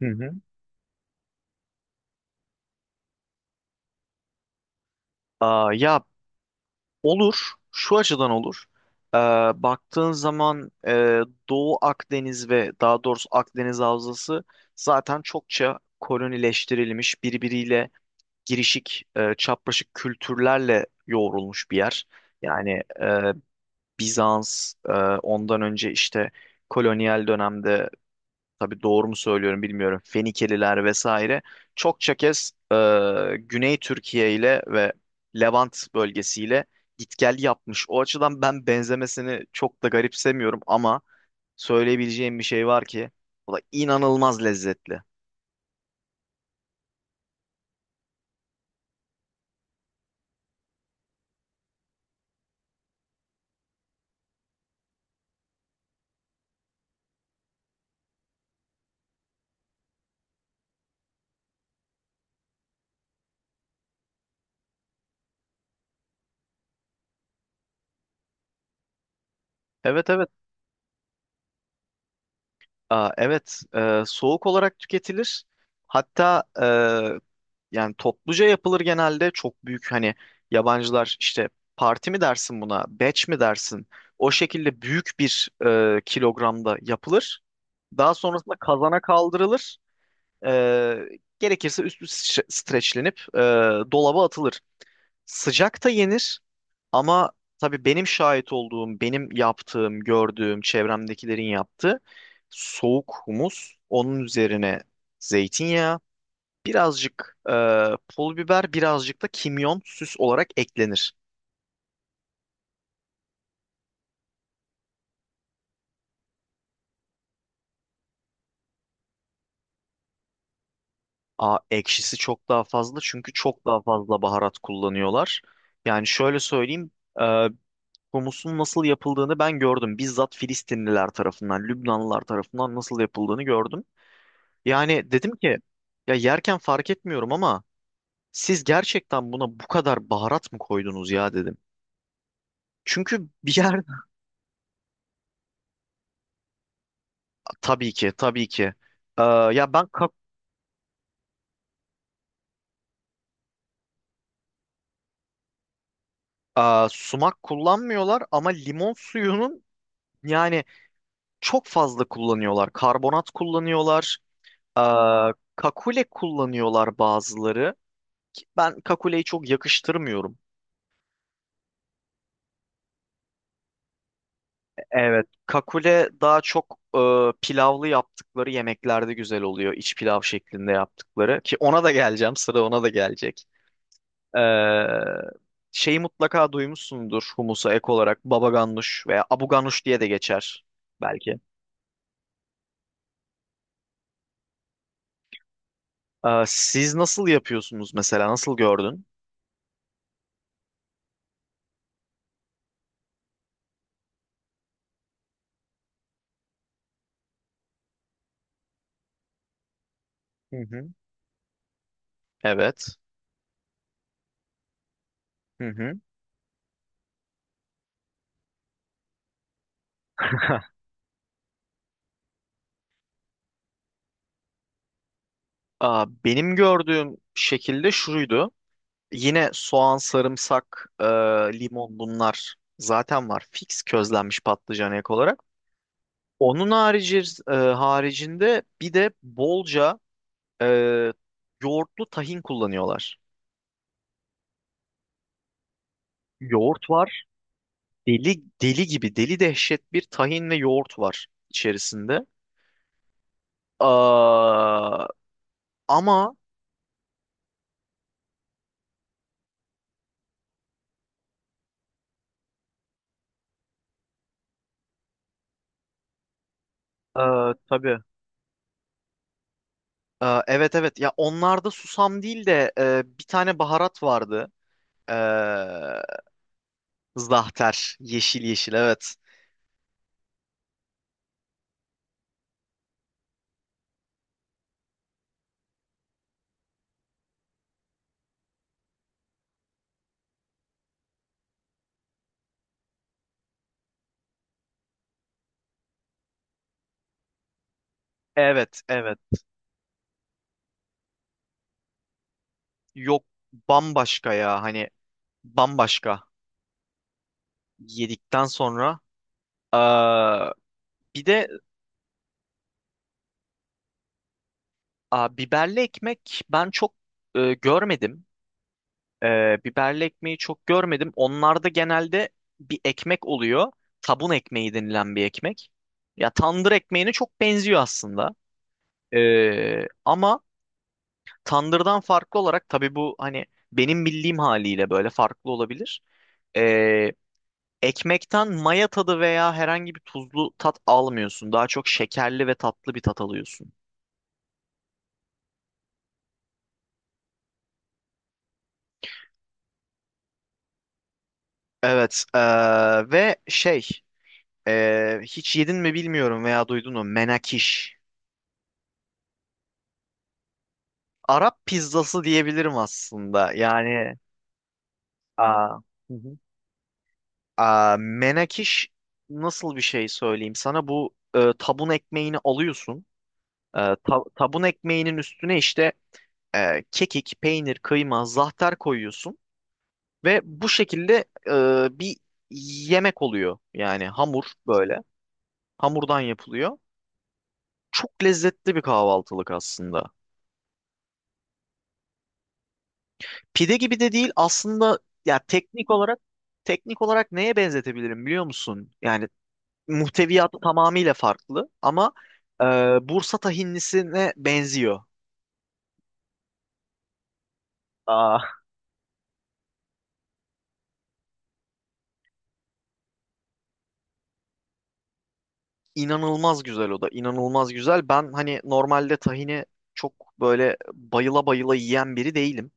Hı hı. Ya olur. Şu açıdan olur. Ee, baktığın zaman Doğu Akdeniz ve daha doğrusu Akdeniz Havzası zaten çokça kolonileştirilmiş, birbiriyle girişik, çapraşık kültürlerle yoğrulmuş bir yer. Yani e, Bizans, ondan önce işte kolonyal dönemde tabii doğru mu söylüyorum bilmiyorum. Fenikeliler vesaire. Çokça kez Güney Türkiye ile ve Levant bölgesiyle git gel yapmış. O açıdan ben benzemesini çok da garipsemiyorum ama söyleyebileceğim bir şey var ki o da inanılmaz lezzetli. Evet, evet. Evet, soğuk olarak tüketilir. Hatta yani topluca yapılır, genelde çok büyük. Hani yabancılar işte parti mi dersin buna, batch mi dersin? O şekilde büyük bir kilogramda yapılır. Daha sonrasında kazana kaldırılır. E, gerekirse üstü streçlenip dolaba atılır. Sıcak da yenir. Ama tabii benim şahit olduğum, benim yaptığım, gördüğüm, çevremdekilerin yaptığı soğuk humus, onun üzerine zeytinyağı, birazcık pul biber, birazcık da kimyon süs olarak eklenir. Ekşisi çok daha fazla, çünkü çok daha fazla baharat kullanıyorlar. Yani şöyle söyleyeyim, e, humusun nasıl yapıldığını ben gördüm. Bizzat Filistinliler tarafından, Lübnanlılar tarafından nasıl yapıldığını gördüm. Yani dedim ki ya, yerken fark etmiyorum ama siz gerçekten buna bu kadar baharat mı koydunuz ya, dedim. Çünkü bir yer tabii ki, tabii ki. Ya ben sumak kullanmıyorlar ama limon suyunun, yani, çok fazla kullanıyorlar. Karbonat kullanıyorlar. Kakule kullanıyorlar bazıları. Ki ben kakuleyi çok yakıştırmıyorum. Evet. Kakule daha çok pilavlı yaptıkları yemeklerde güzel oluyor. İç pilav şeklinde yaptıkları. Ki ona da geleceğim. Sıra ona da gelecek. Ee, şeyi mutlaka duymuşsundur, humusa ek olarak baba ganoush veya abu ganoush diye de geçer belki. Siz nasıl yapıyorsunuz mesela? Nasıl gördün? Hı hı. Evet. Hı hı. Benim gördüğüm şekilde şuydu. Yine soğan, sarımsak, limon, bunlar zaten var. Fix közlenmiş patlıcan ek olarak. Onun harici, haricinde bir de bolca e, yoğurtlu tahin kullanıyorlar. Yoğurt var. Deli dehşet bir tahin ve yoğurt var içerisinde. Aa, ama e, tabii evet, evet. Ya, onlarda susam değil de bir tane baharat vardı. E, zahter, yeşil yeşil, evet. Evet, evet. Yok, bambaşka ya, hani bambaşka yedikten sonra. E, bir de a, biberli ekmek ben çok görmedim. Biberli ekmeği çok görmedim. Onlarda genelde bir ekmek oluyor. Tabun ekmeği denilen bir ekmek. Ya tandır ekmeğine çok benziyor aslında. Ama tandırdan farklı olarak tabii, bu hani benim bildiğim haliyle böyle farklı olabilir. Ee, ekmekten maya tadı veya herhangi bir tuzlu tat almıyorsun. Daha çok şekerli ve tatlı bir tat alıyorsun. Evet, ve şey, hiç yedin mi bilmiyorum veya duydun mu, menakiş. Arap pizzası diyebilirim aslında. Yani aa, hı hı. Aa, menakiş nasıl bir şey söyleyeyim sana? Bu tabun ekmeğini alıyorsun. Tabun ekmeğinin üstüne işte kekik, peynir, kıyma, zahter koyuyorsun. Ve bu şekilde bir yemek oluyor. Yani hamur böyle. Hamurdan yapılıyor. Çok lezzetli bir kahvaltılık aslında. Pide gibi de değil aslında. Ya teknik olarak neye benzetebilirim biliyor musun? Yani muhteviyatı tamamıyla farklı ama e, Bursa tahinlisine benziyor. Aa, inanılmaz güzel, o da inanılmaz güzel. Ben hani normalde tahini çok böyle bayıla bayıla yiyen biri değilim.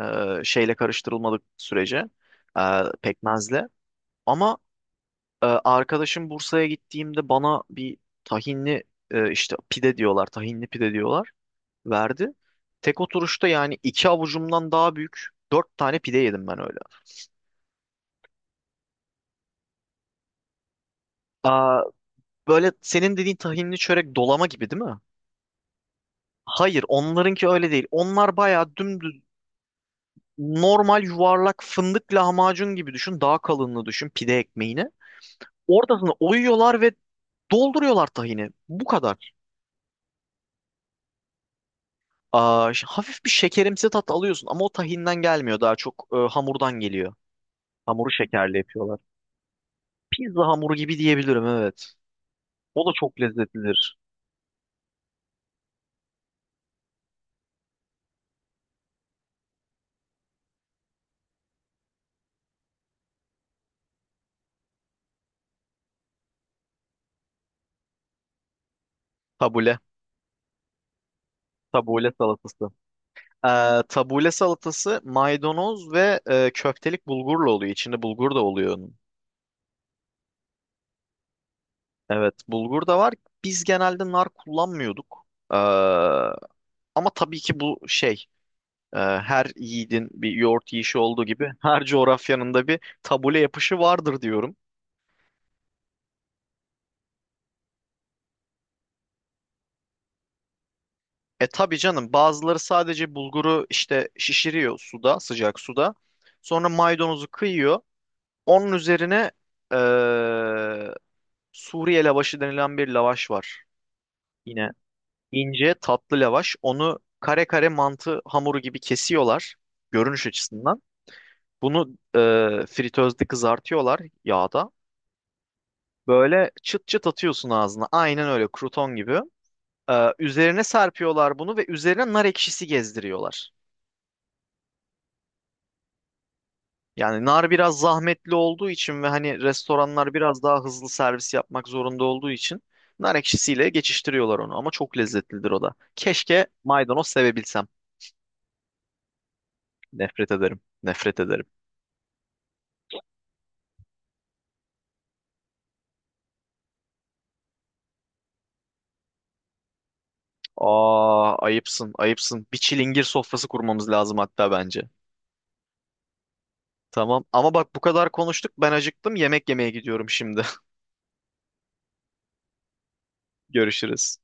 Şeyle karıştırılmadık sürece, pekmezle. Ama arkadaşım Bursa'ya gittiğimde bana bir tahinli işte pide diyorlar, tahinli pide diyorlar, verdi. Tek oturuşta yani iki avucumdan daha büyük dört tane pide yedim ben öyle. Aa, böyle senin dediğin tahinli çörek, dolama gibi değil mi? Hayır, onlarınki öyle değil. Onlar bayağı dümdüz, normal yuvarlak, fındık lahmacun gibi düşün. Daha kalınlığı düşün pide ekmeğini. Ortasını oyuyorlar ve dolduruyorlar tahini. Bu kadar. Hafif bir şekerimsi tat alıyorsun ama o tahinden gelmiyor. Daha çok hamurdan geliyor. Hamuru şekerli yapıyorlar. Pizza hamuru gibi diyebilirim, evet. O da çok lezzetlidir. Tabule. Tabule salatası. Tabule salatası maydanoz ve köftelik bulgurla oluyor. İçinde bulgur da oluyor onun. Evet, bulgur da var. Biz genelde nar kullanmıyorduk. Ee, ama tabii ki, bu şey, her yiğidin bir yoğurt yiyişi olduğu gibi her coğrafyanın da bir tabule yapışı vardır diyorum. E tabii canım, bazıları sadece bulguru işte şişiriyor suda, sıcak suda. Sonra maydanozu kıyıyor. Onun üzerine eee, Suriye lavaşı denilen bir lavaş var. Yine ince tatlı lavaş. Onu kare kare mantı hamuru gibi kesiyorlar, görünüş açısından. Bunu e, fritözde kızartıyorlar yağda. Böyle çıt çıt atıyorsun ağzına. Aynen öyle kruton gibi. Üzerine serpiyorlar bunu ve üzerine nar ekşisi gezdiriyorlar. Yani nar biraz zahmetli olduğu için ve hani restoranlar biraz daha hızlı servis yapmak zorunda olduğu için nar ekşisiyle geçiştiriyorlar onu ama çok lezzetlidir o da. Keşke maydanoz sevebilsem. Nefret ederim, nefret ederim. Aa, ayıpsın, ayıpsın. Bir çilingir sofrası kurmamız lazım hatta bence. Tamam, ama bak, bu kadar konuştuk, ben acıktım, yemek yemeye gidiyorum şimdi. Görüşürüz.